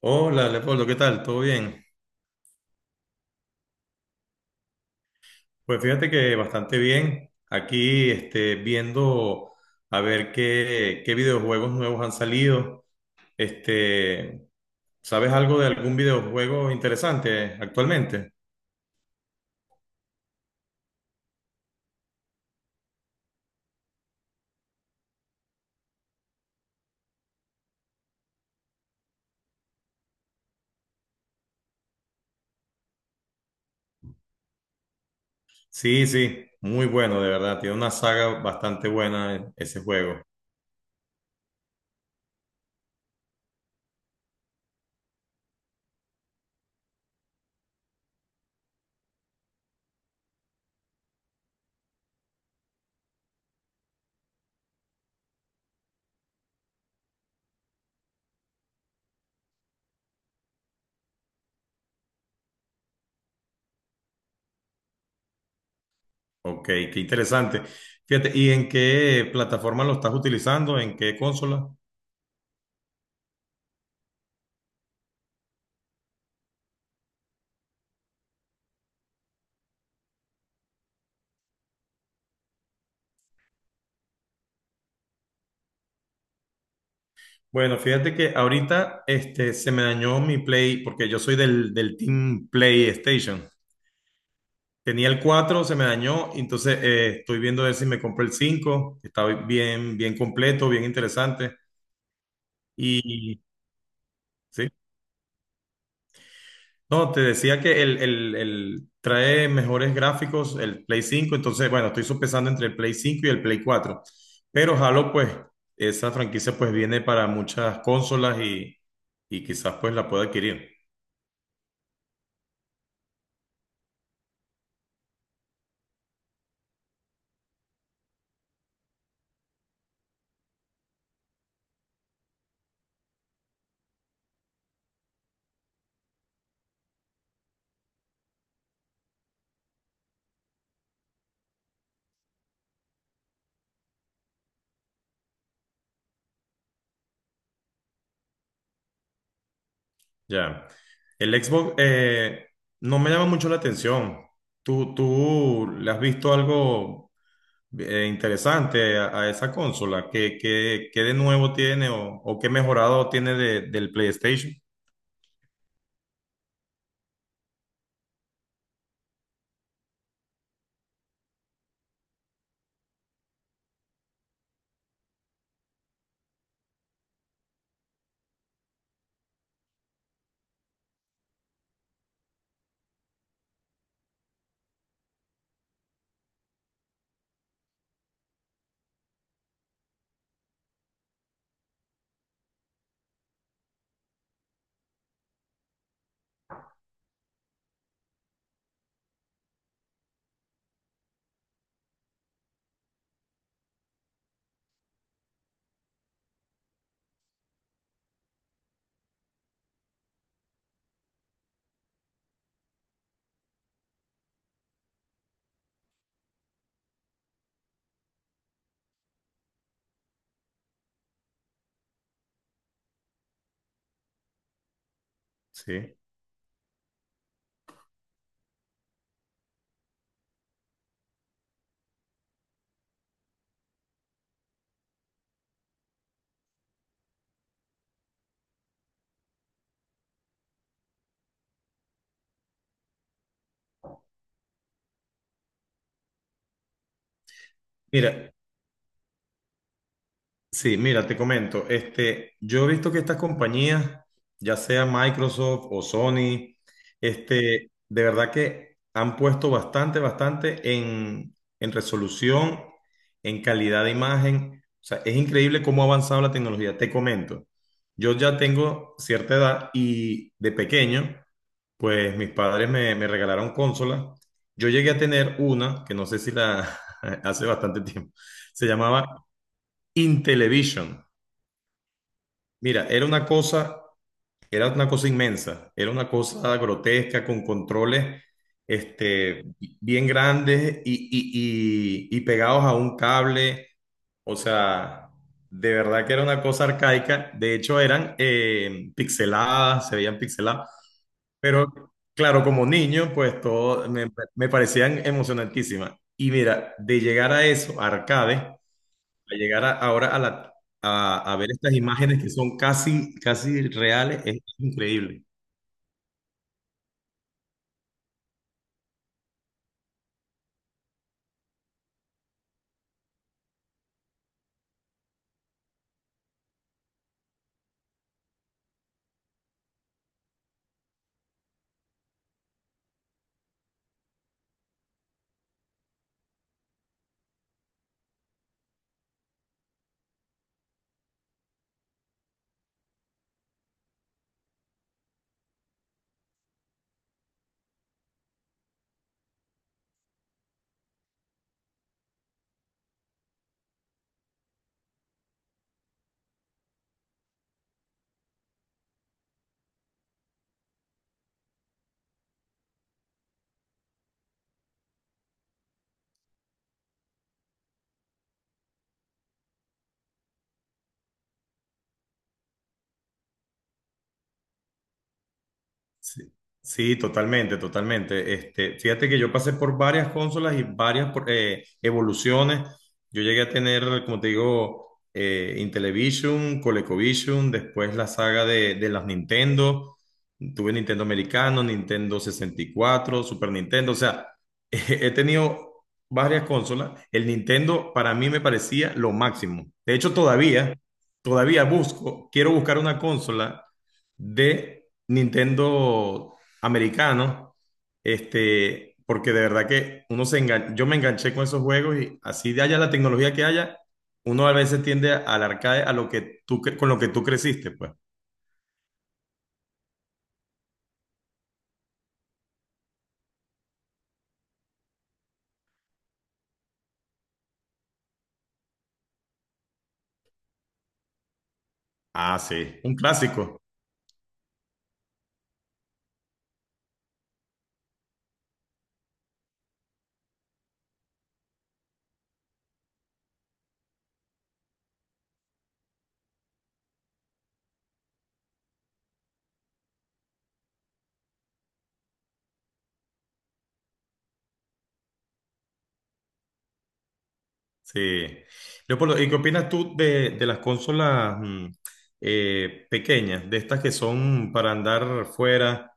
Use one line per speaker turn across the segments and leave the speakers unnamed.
Hola, Leopoldo, ¿qué tal? ¿Todo bien? Pues fíjate que bastante bien. Aquí viendo a ver qué videojuegos nuevos han salido. Este, ¿sabes algo de algún videojuego interesante actualmente? Sí, sí, muy bueno, de verdad. Tiene una saga bastante buena ese juego. Ok, qué interesante. Fíjate, ¿y en qué plataforma lo estás utilizando? ¿En qué consola? Bueno, fíjate que ahorita se me dañó mi Play, porque yo soy del Team PlayStation. Tenía el 4, se me dañó, y entonces estoy viendo a ver si me compré el cinco, que está bien, bien completo, bien interesante. Y sí, no, te decía que el trae mejores gráficos el Play 5. Entonces bueno, estoy sopesando entre el Play 5 y el Play 4. Pero Halo, pues, esa franquicia pues viene para muchas consolas y quizás pues la pueda adquirir. Ya. El Xbox no me llama mucho la atención. ¿Tú le has visto algo interesante a esa consola? ¿Qué de nuevo tiene o qué mejorado tiene del PlayStation? Sí. Mira, Sí, mira, te comento, yo he visto que estas compañías, ya sea Microsoft o Sony, de verdad que han puesto bastante, bastante en resolución, en calidad de imagen. O sea, es increíble cómo ha avanzado la tecnología. Te comento, yo ya tengo cierta edad y de pequeño, pues mis padres me regalaron consolas. Yo llegué a tener una, que no sé si la hace bastante tiempo, se llamaba Intellivision. Mira, era una cosa inmensa, era una cosa grotesca con controles este, bien grandes y pegados a un cable. O sea, de verdad que era una cosa arcaica. De hecho, eran pixeladas, se veían pixeladas. Pero claro, como niño, pues todo me parecían emocionantísimas. Y mira, de llegar a eso, a arcade, ahora a ver estas imágenes que son casi, casi reales, es increíble. Sí, sí, totalmente, totalmente. Este, fíjate que yo pasé por varias consolas y varias evoluciones. Yo llegué a tener, como te digo, Intellivision, ColecoVision, después la saga de las Nintendo. Tuve Nintendo americano, Nintendo 64, Super Nintendo. O sea, he tenido varias consolas. El Nintendo para mí me parecía lo máximo. De hecho, todavía, todavía busco, quiero buscar una consola de Nintendo americano, este, porque de verdad que yo me enganché con esos juegos y así de haya la tecnología que haya, uno a veces tiende al arcade a lo que con lo que tú creciste, pues. Ah, sí, un clásico. Sí. Leopoldo, ¿y qué opinas tú de las consolas pequeñas, de estas que son para andar fuera,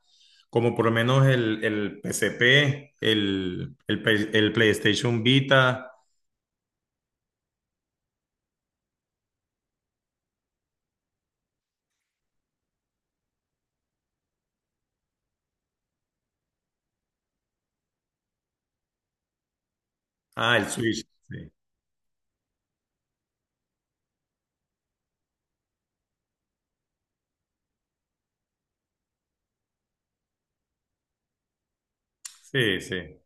como por lo menos el PSP, el PlayStation Vita? Ah, el Switch. Sí, sí, sí.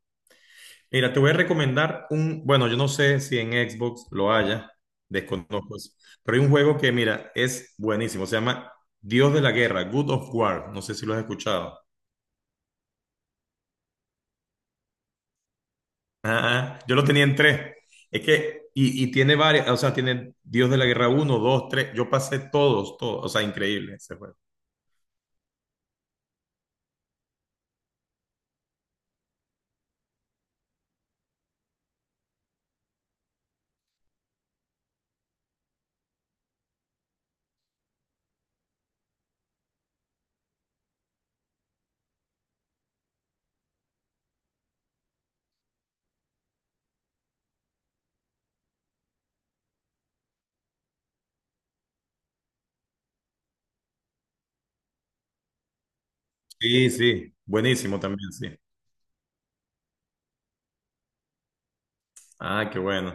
Mira, te voy a recomendar bueno, yo no sé si en Xbox lo haya, desconozco eso, pero hay un juego que, mira, es buenísimo, se llama Dios de la Guerra, God of War, no sé si lo has escuchado. Ah, ah, yo lo tenía en tres. Es que, y tiene varias, o sea, tiene Dios de la Guerra uno, 2, 3. Yo pasé todos, todos, o sea, increíble ese juego. Sí, sí, buenísimo también, sí. Ah, qué bueno.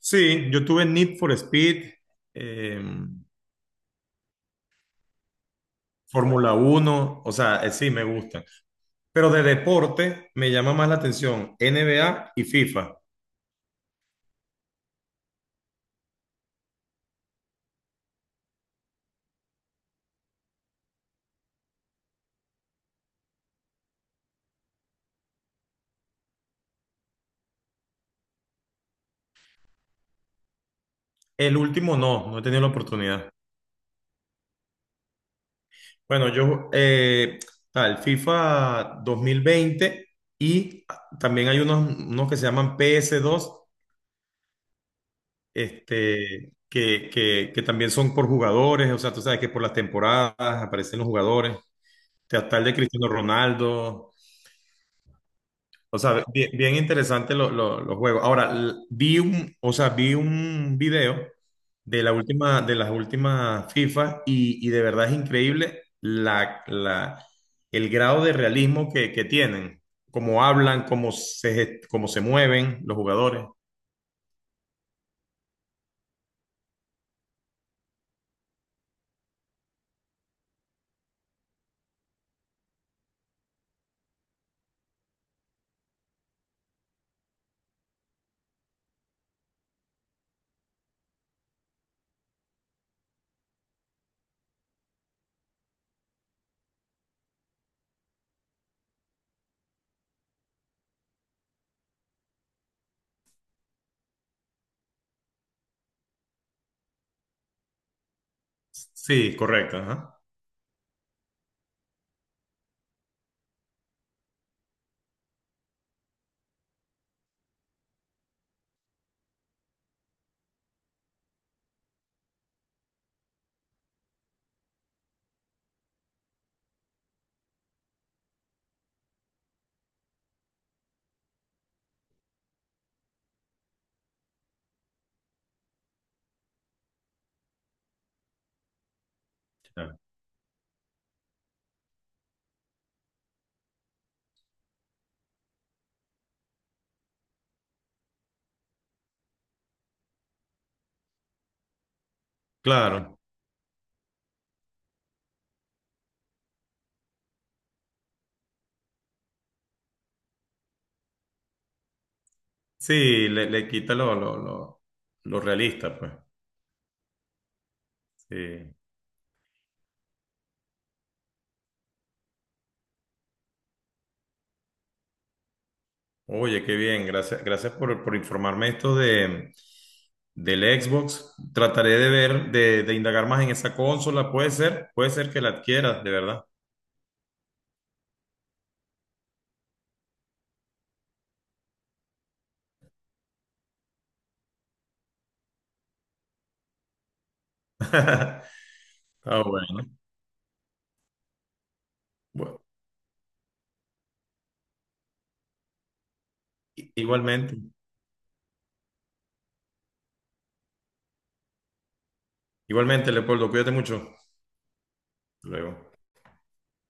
Sí, yo tuve Need for Speed, em, Fórmula uno, o sea, sí, me gustan. Pero de deporte me llama más la atención NBA y FIFA. El último no, no he tenido la oportunidad. Bueno, yo, FIFA 2020 y también hay unos que se llaman PS2, este, que también son por jugadores, o sea, tú sabes que por las temporadas aparecen los jugadores. Hasta el de Cristiano Ronaldo. O sea, bien, bien interesante los juegos. Ahora, o sea, vi un video de la última, de las últimas FIFA y de verdad es increíble el grado de realismo que tienen, cómo hablan, cómo se mueven los jugadores. Sí, correcto, ajá. Claro. Sí, le quita lo realista, pues. Sí. Oye, qué bien, gracias, gracias por informarme esto del Xbox. Trataré de ver, de indagar más en esa consola. Puede ser que la adquieras, de verdad. Ah, bueno. Bueno, igualmente, igualmente, Leopoldo, cuídate mucho. Hasta luego.